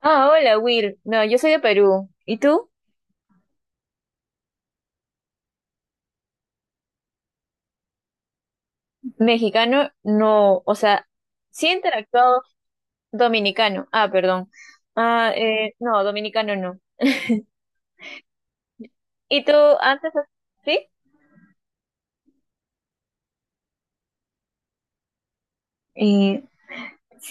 Ah, hola Will. No, yo soy de Perú. ¿Y tú? Mexicano, no. O sea, sí he interactuado dominicano. Ah, perdón. Ah, no, dominicano no. ¿Y tú antes? ¿Sí? Y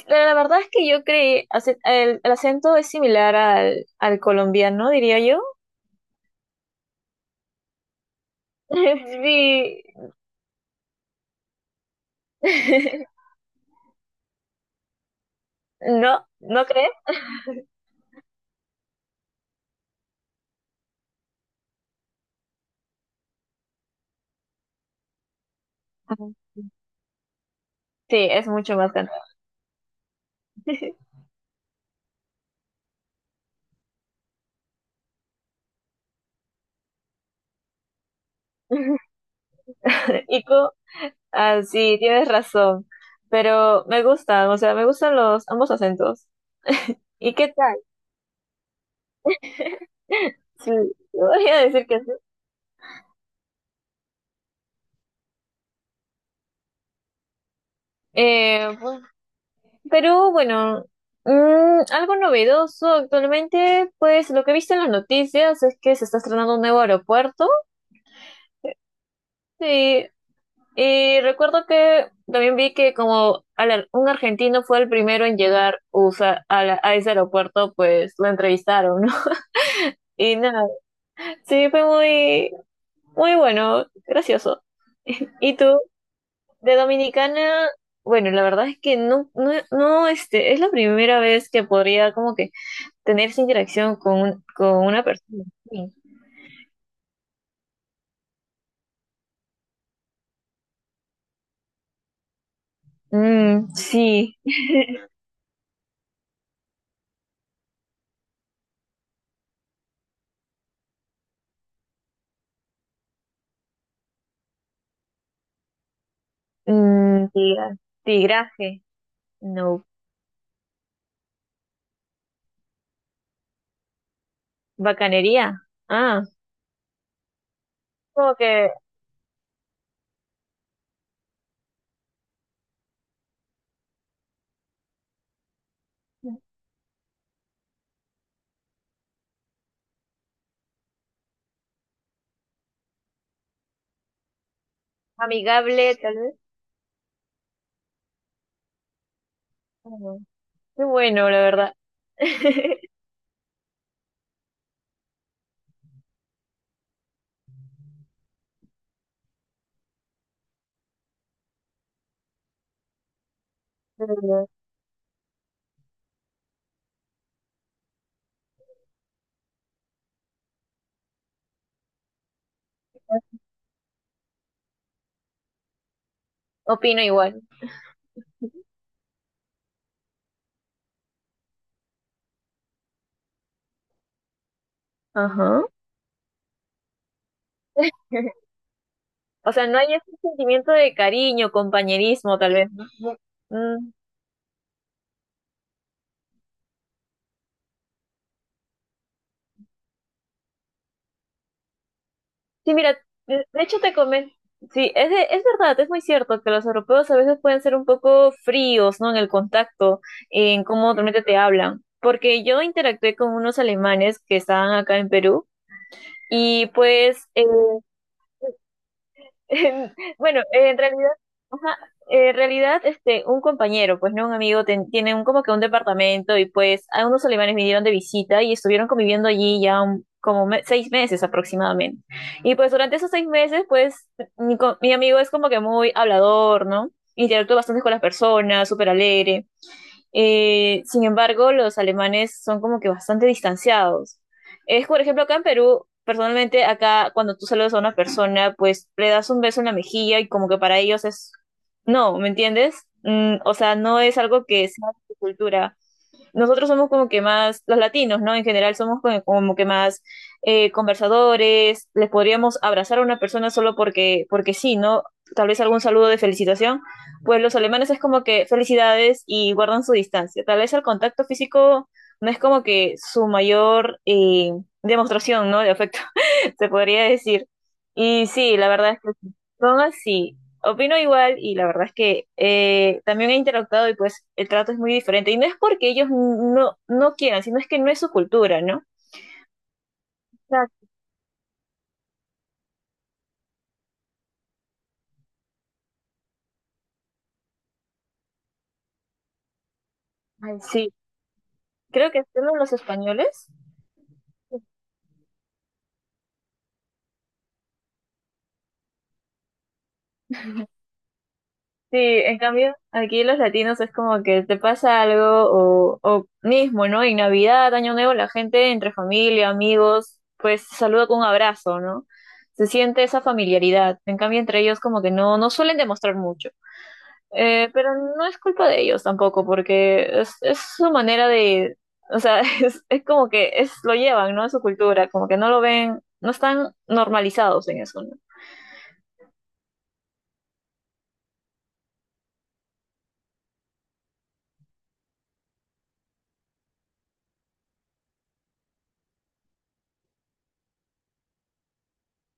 la verdad es que yo creí, el acento es similar al, al colombiano, diría yo. Sí. ¿No? ¿No crees? Ajá. Sí, es mucho más cantante. ¿Y tú? Ah, sí, tienes razón. Pero me gustan, o sea, me gustan los ambos acentos. ¿Y qué tal? Sí, no voy a decir que sí. Eh, pues, Perú, bueno, algo novedoso actualmente, pues lo que he visto en las noticias es que se está estrenando un nuevo aeropuerto. Sí, y recuerdo que también vi que como un argentino fue el primero en llegar a, a ese aeropuerto, pues lo entrevistaron, ¿no? Y nada, sí, fue muy, muy bueno, gracioso. ¿Y tú? De Dominicana, bueno, la verdad es que no, no, no, este, es la primera vez que podría como que tener esa interacción con, con una persona. Sí, mm, sí. Mm, tigraje, no. Bacanería, ah, como que amigable, tal vez. Ujú. Qué bueno, la verdad. Pero opino igual. Ajá. O sea, no hay ese sentimiento de cariño, compañerismo, tal vez, ¿no? Mm. Sí, mira, de hecho te comento, sí, es, es verdad, es muy cierto que los europeos a veces pueden ser un poco fríos, ¿no? En el contacto, en cómo realmente te hablan, porque yo interactué con unos alemanes que estaban acá en Perú y pues Bueno, en realidad, ajá, en realidad, este, un compañero, pues no un amigo, tiene un, como que un departamento y pues a unos alemanes vinieron de visita y estuvieron conviviendo allí ya seis meses aproximadamente. Y pues durante esos seis meses, pues mi, mi amigo es como que muy hablador, ¿no? Interactúa bastante con las personas, súper alegre. Sin embargo, los alemanes son como que bastante distanciados. Es, por ejemplo, acá en Perú, personalmente, acá cuando tú saludas a una persona, pues le das un beso en la mejilla y como que para ellos es, no, ¿me entiendes? Mm, o sea, no es algo que sea de su cultura. Nosotros somos como que más, los latinos, ¿no? En general somos como, como que más conversadores, les podríamos abrazar a una persona solo porque, porque sí, ¿no? Tal vez algún saludo de felicitación. Pues los alemanes es como que felicidades y guardan su distancia. Tal vez el contacto físico no es como que su mayor demostración, ¿no? De afecto, se podría decir. Y sí, la verdad es que son así. Opino igual y la verdad es que también he interactuado y pues el trato es muy diferente. Y no es porque ellos no, no quieran, sino es que no es su cultura, ¿no? Exacto. Ay, sí, creo que solo los españoles. Sí, en cambio, aquí los latinos es como que te pasa algo o mismo, ¿no? En Navidad, Año Nuevo, la gente entre familia, amigos, pues saluda con un abrazo, ¿no? Se siente esa familiaridad. En cambio, entre ellos como que no, no suelen demostrar mucho. Pero no es culpa de ellos tampoco, porque es su manera de, o sea, es como que es, lo llevan, ¿no? Es su cultura, como que no lo ven, no están normalizados en eso, ¿no?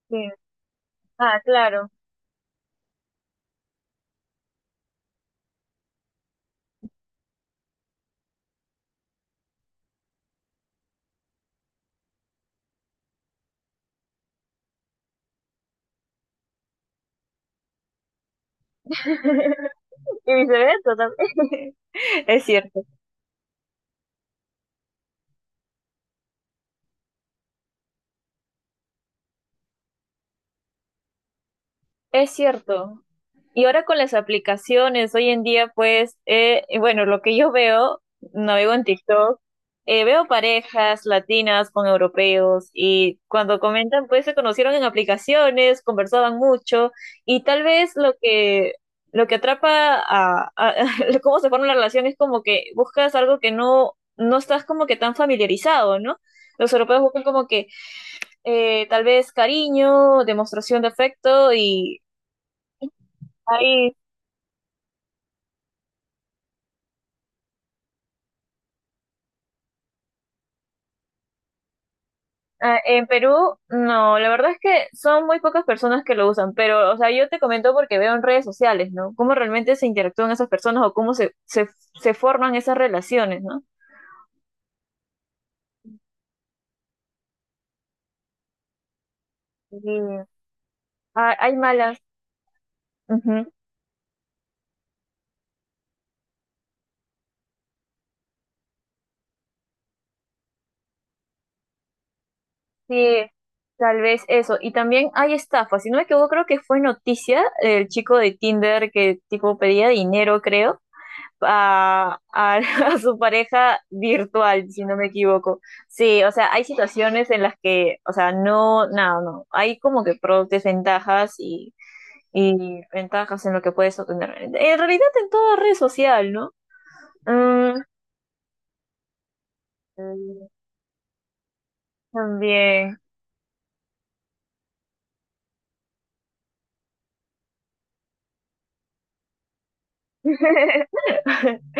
Sí. Ah, claro. Y viceversa también. Es cierto. Es cierto. Y ahora con las aplicaciones, hoy en día, pues, bueno, lo que yo veo, navego en TikTok, veo parejas latinas con europeos y cuando comentan, pues se conocieron en aplicaciones, conversaban mucho y tal vez lo que atrapa cómo se forma la relación es como que buscas algo que no, no estás como que tan familiarizado, ¿no? Los europeos buscan como que tal vez cariño, demostración de afecto y... ahí. Ah, en Perú, no, la verdad es que son muy pocas personas que lo usan, pero, o sea, yo te comento porque veo en redes sociales, ¿no? Cómo realmente se interactúan esas personas o cómo se, se, se forman esas relaciones, ¿no? Y, ah, hay malas, ujú, sí, tal vez eso. Y también hay estafas, si no me equivoco, creo que fue noticia el chico de Tinder que tipo pedía dinero, creo a, a- a su pareja virtual, si no me equivoco. Sí, o sea, hay situaciones en las que, o sea, no, no, no, hay como que pros, desventajas y ventajas en lo que puedes obtener. En realidad en toda red social, ¿no? Mm, también.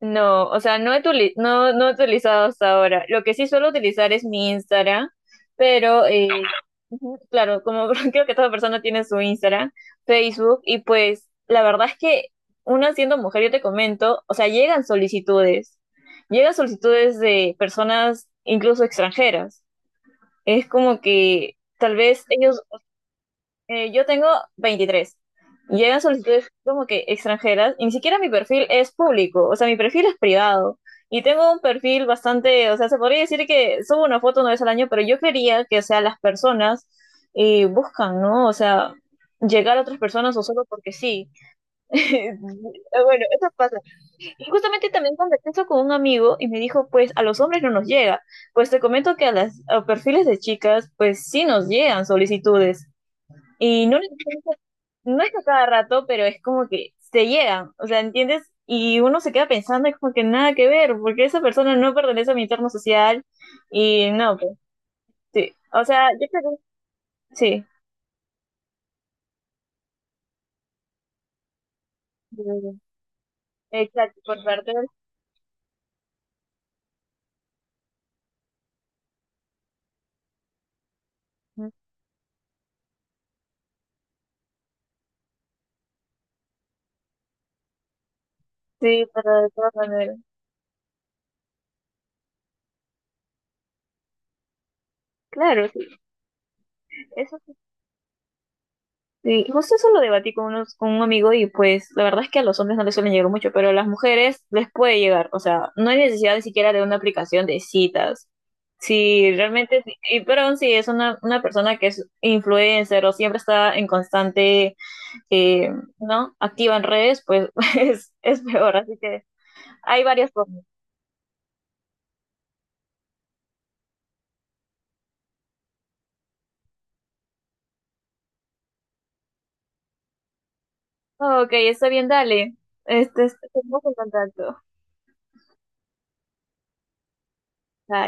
No, o sea, no, no he utilizado hasta ahora. Lo que sí suelo utilizar es mi Instagram, pero ujú, claro, como creo que toda persona tiene su Instagram, Facebook, y pues la verdad es que una siendo mujer, yo te comento, o sea, llegan solicitudes de personas incluso extranjeras. Es como que tal vez ellos yo tengo 23. Llegan solicitudes como que extranjeras y ni siquiera mi perfil es público, o sea, mi perfil es privado. Y tengo un perfil bastante, o sea, se podría decir que subo una foto una vez al año, pero yo creería que, o sea, las personas buscan, ¿no? O sea, llegar a otras personas o solo porque sí. Bueno, eso pasa. Y justamente también conversé eso con un amigo y me dijo, pues a los hombres no nos llega. Pues te comento que a las a perfiles de chicas, pues sí nos llegan solicitudes. Y no, no es a cada rato, pero es como que se llegan, o sea, ¿entiendes? Y uno se queda pensando, es como que nada que ver, porque esa persona no pertenece a mi entorno social y no, pues sí. O sea, yo creo que sí. Exacto, por parte del... Sí, pero de todas maneras. Claro, sí. Eso sí, justo eso lo debatí con, unos, con un amigo y pues la verdad es que a los hombres no les suelen llegar mucho, pero a las mujeres les puede llegar, o sea, no hay necesidad ni siquiera de una aplicación de citas. Sí, realmente, y, pero aún si es una persona que es influencer o siempre está en constante, eh, ¿no? Activa en redes, pues es peor, así que hay varias formas. Ok, está bien, dale. Este, estamos en contacto. Bye.